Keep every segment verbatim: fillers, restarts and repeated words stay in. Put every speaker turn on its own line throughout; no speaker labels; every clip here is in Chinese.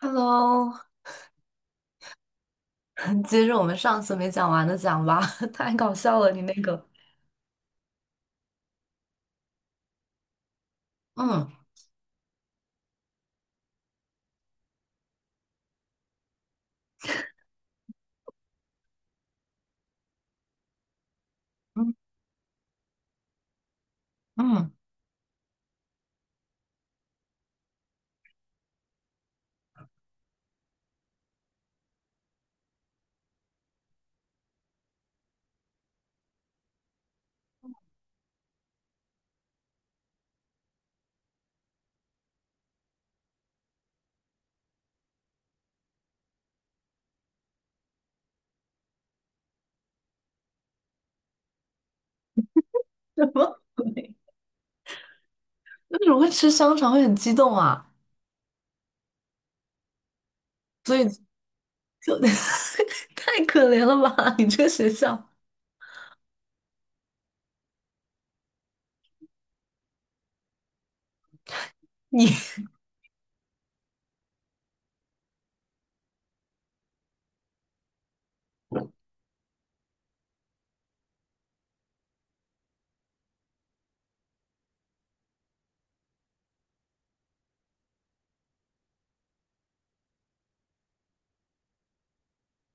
Hello，接着我们上次没讲完的讲吧，太搞笑了，你那个，嗯嗯嗯，什么鬼？为什么会吃香肠会很激动啊？所以就 太可怜了吧，你这个学校，你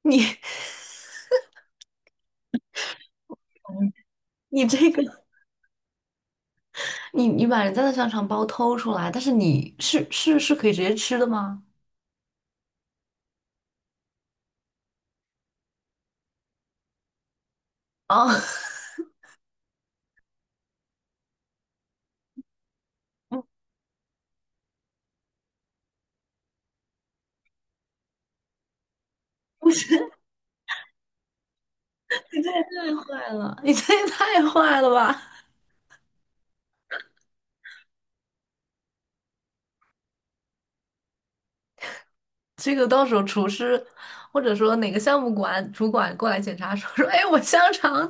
你你这个，你你把人家的香肠包偷出来，但是你是是是可以直接吃的吗？啊，不是，你这也太坏了，你这也太坏了吧！这个到时候厨师或者说哪个项目管主管过来检查说说，哎，我香肠呢？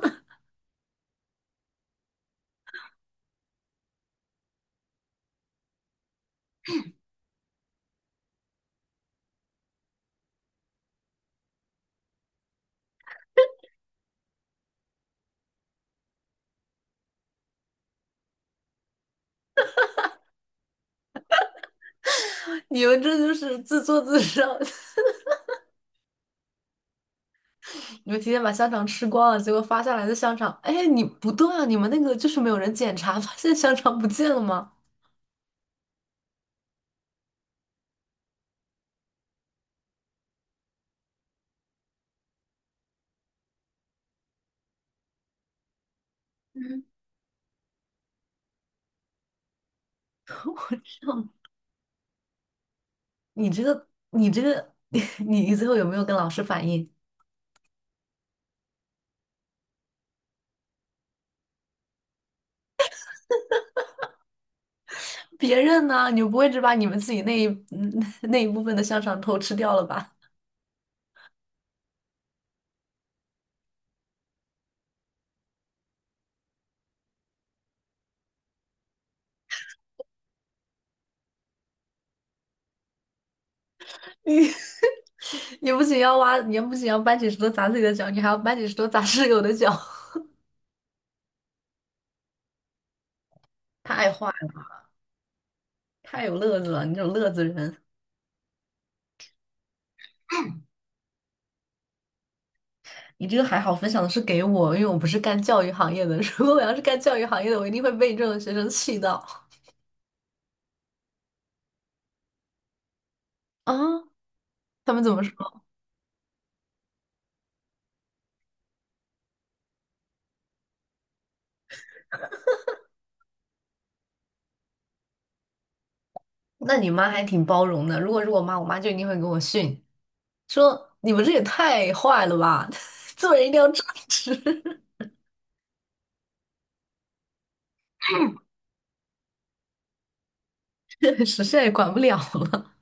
你们这就是自作自受，你们提前把香肠吃光了，结果发下来的香肠，哎，你不对啊，你们那个就是没有人检查，发现香肠不见了吗？嗯，哼你这个，你这个，你你最后有没有跟老师反映？别人呢？你们不会只把你们自己那一嗯 那一部分的香肠偷吃掉了吧？你 你不仅要挖，你不仅要搬起石头砸自己的脚，你还要搬起石头砸室友的脚，太坏了，太有乐子了，你这种乐子人。你这个还好，分享的是给我，因为我不是干教育行业的。如果我要是干教育行业的，我一定会被你这种学生气到啊！他们怎么说？那你妈还挺包容的。如果是我妈，我妈就一定会给我训，说你们这也太坏了吧，做人一定要正直。确实，现在也管不了了，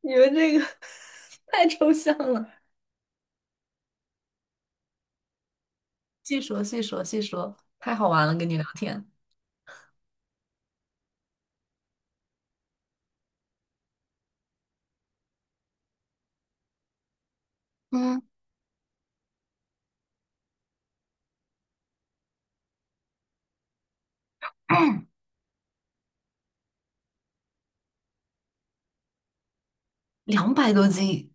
你们这个 太抽象了。细说细说细说，太好玩了，跟你聊天。嗯两百多斤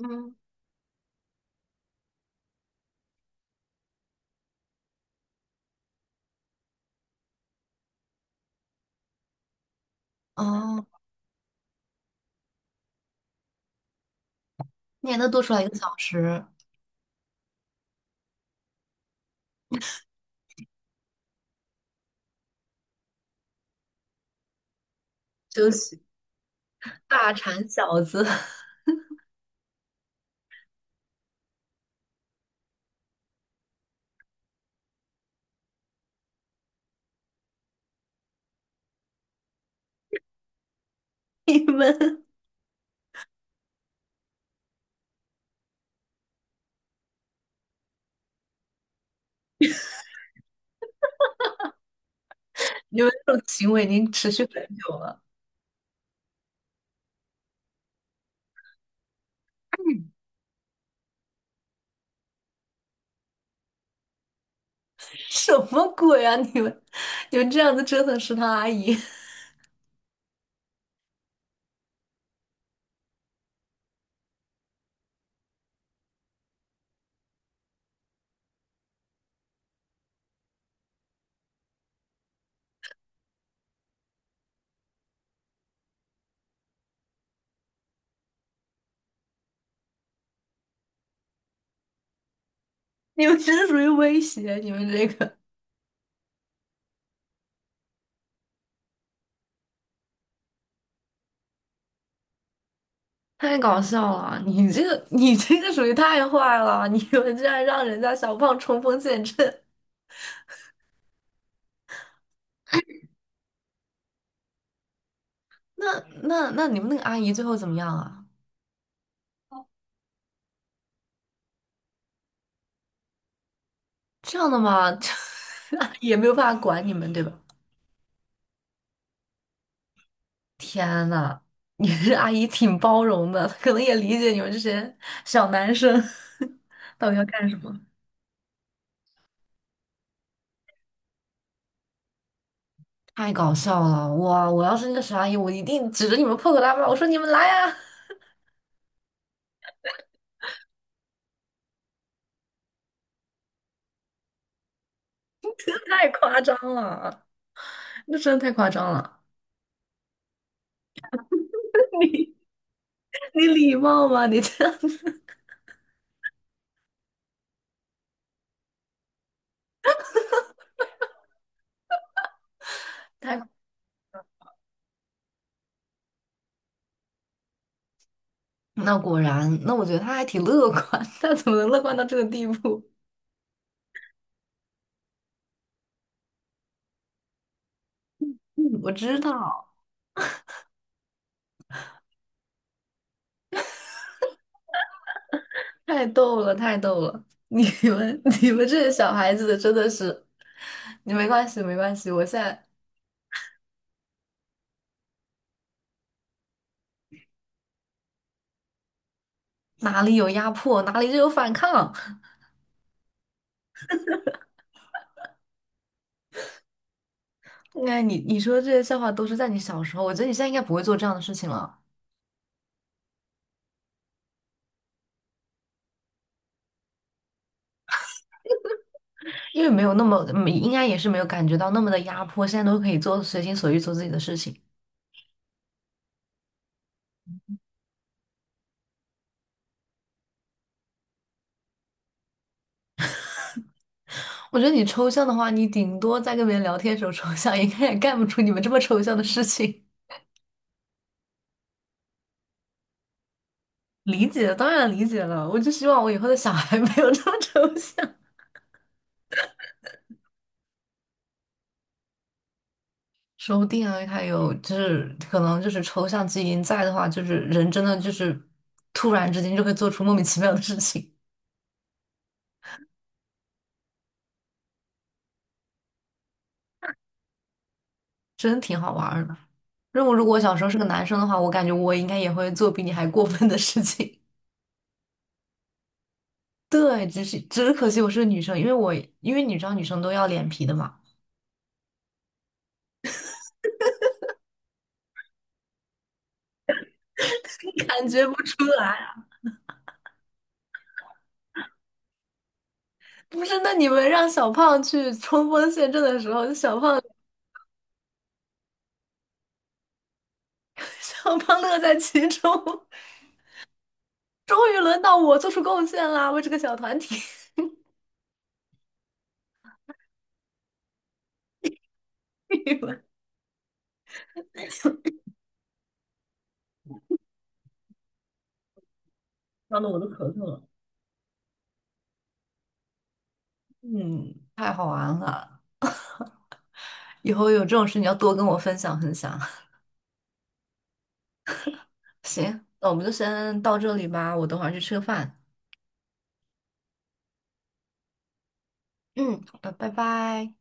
嗯，哦，你还能多出来一个小时。休息大馋小子，你们你们这种行为已经持续很久了，什么鬼啊？你们你们这样子折腾食堂阿姨，你们真的属于威胁，你们这个太搞笑了，你这个你这个属于太坏了，你们这然让人家小胖冲锋陷阵，那那那你们那个阿姨最后怎么样啊？这样的嘛，吗？也没有办法管你们，对吧？天呐，你这阿姨挺包容的，可能也理解你们这些小男生 到底要干什么。太搞笑了！哇，我要是那个小阿姨，我一定指着你们破口大骂，我说你们来呀、太夸张了，那真的太夸张了。你你礼貌吗？你这样子太……那果然，那我觉得他还挺乐观，他怎么能乐观到这个地步？嗯，我知道。太逗了，太逗了！你们 你们这些小孩子的真的是，你没关系没关系，我现在哪里有压迫，哪里就有反抗。哎，你你说这些笑话都是在你小时候，我觉得你现在应该不会做这样的事情了，因为没有那么，嗯应该也是没有感觉到那么的压迫，现在都可以做随心所欲做自己的事情。我觉得你抽象的话，你顶多在跟别人聊天的时候抽象，应该也干不出你们这么抽象的事情。理解，当然理解了，我就希望我以后的小孩没有这么抽象。说不定啊，还有就是可能就是抽象基因在的话，就是人真的就是突然之间就会做出莫名其妙的事情，真挺好玩儿的。如果如果我小时候是个男生的话，我感觉我应该也会做比你还过分的事情。对，只是只是可惜我是个女生，因为我因为你知道女生都要脸皮的嘛，感觉不出来啊。不是，那你们让小胖去冲锋陷阵的时候，小胖 小胖乐在其中，终于轮到我做出贡献啦，为这个小团体。你们伤的我都咳嗽了。嗯，太好玩了！以后有这种事你要多跟我分享分享。行，那我们就先到这里吧，我等会儿去吃个饭。嗯，好的，拜拜。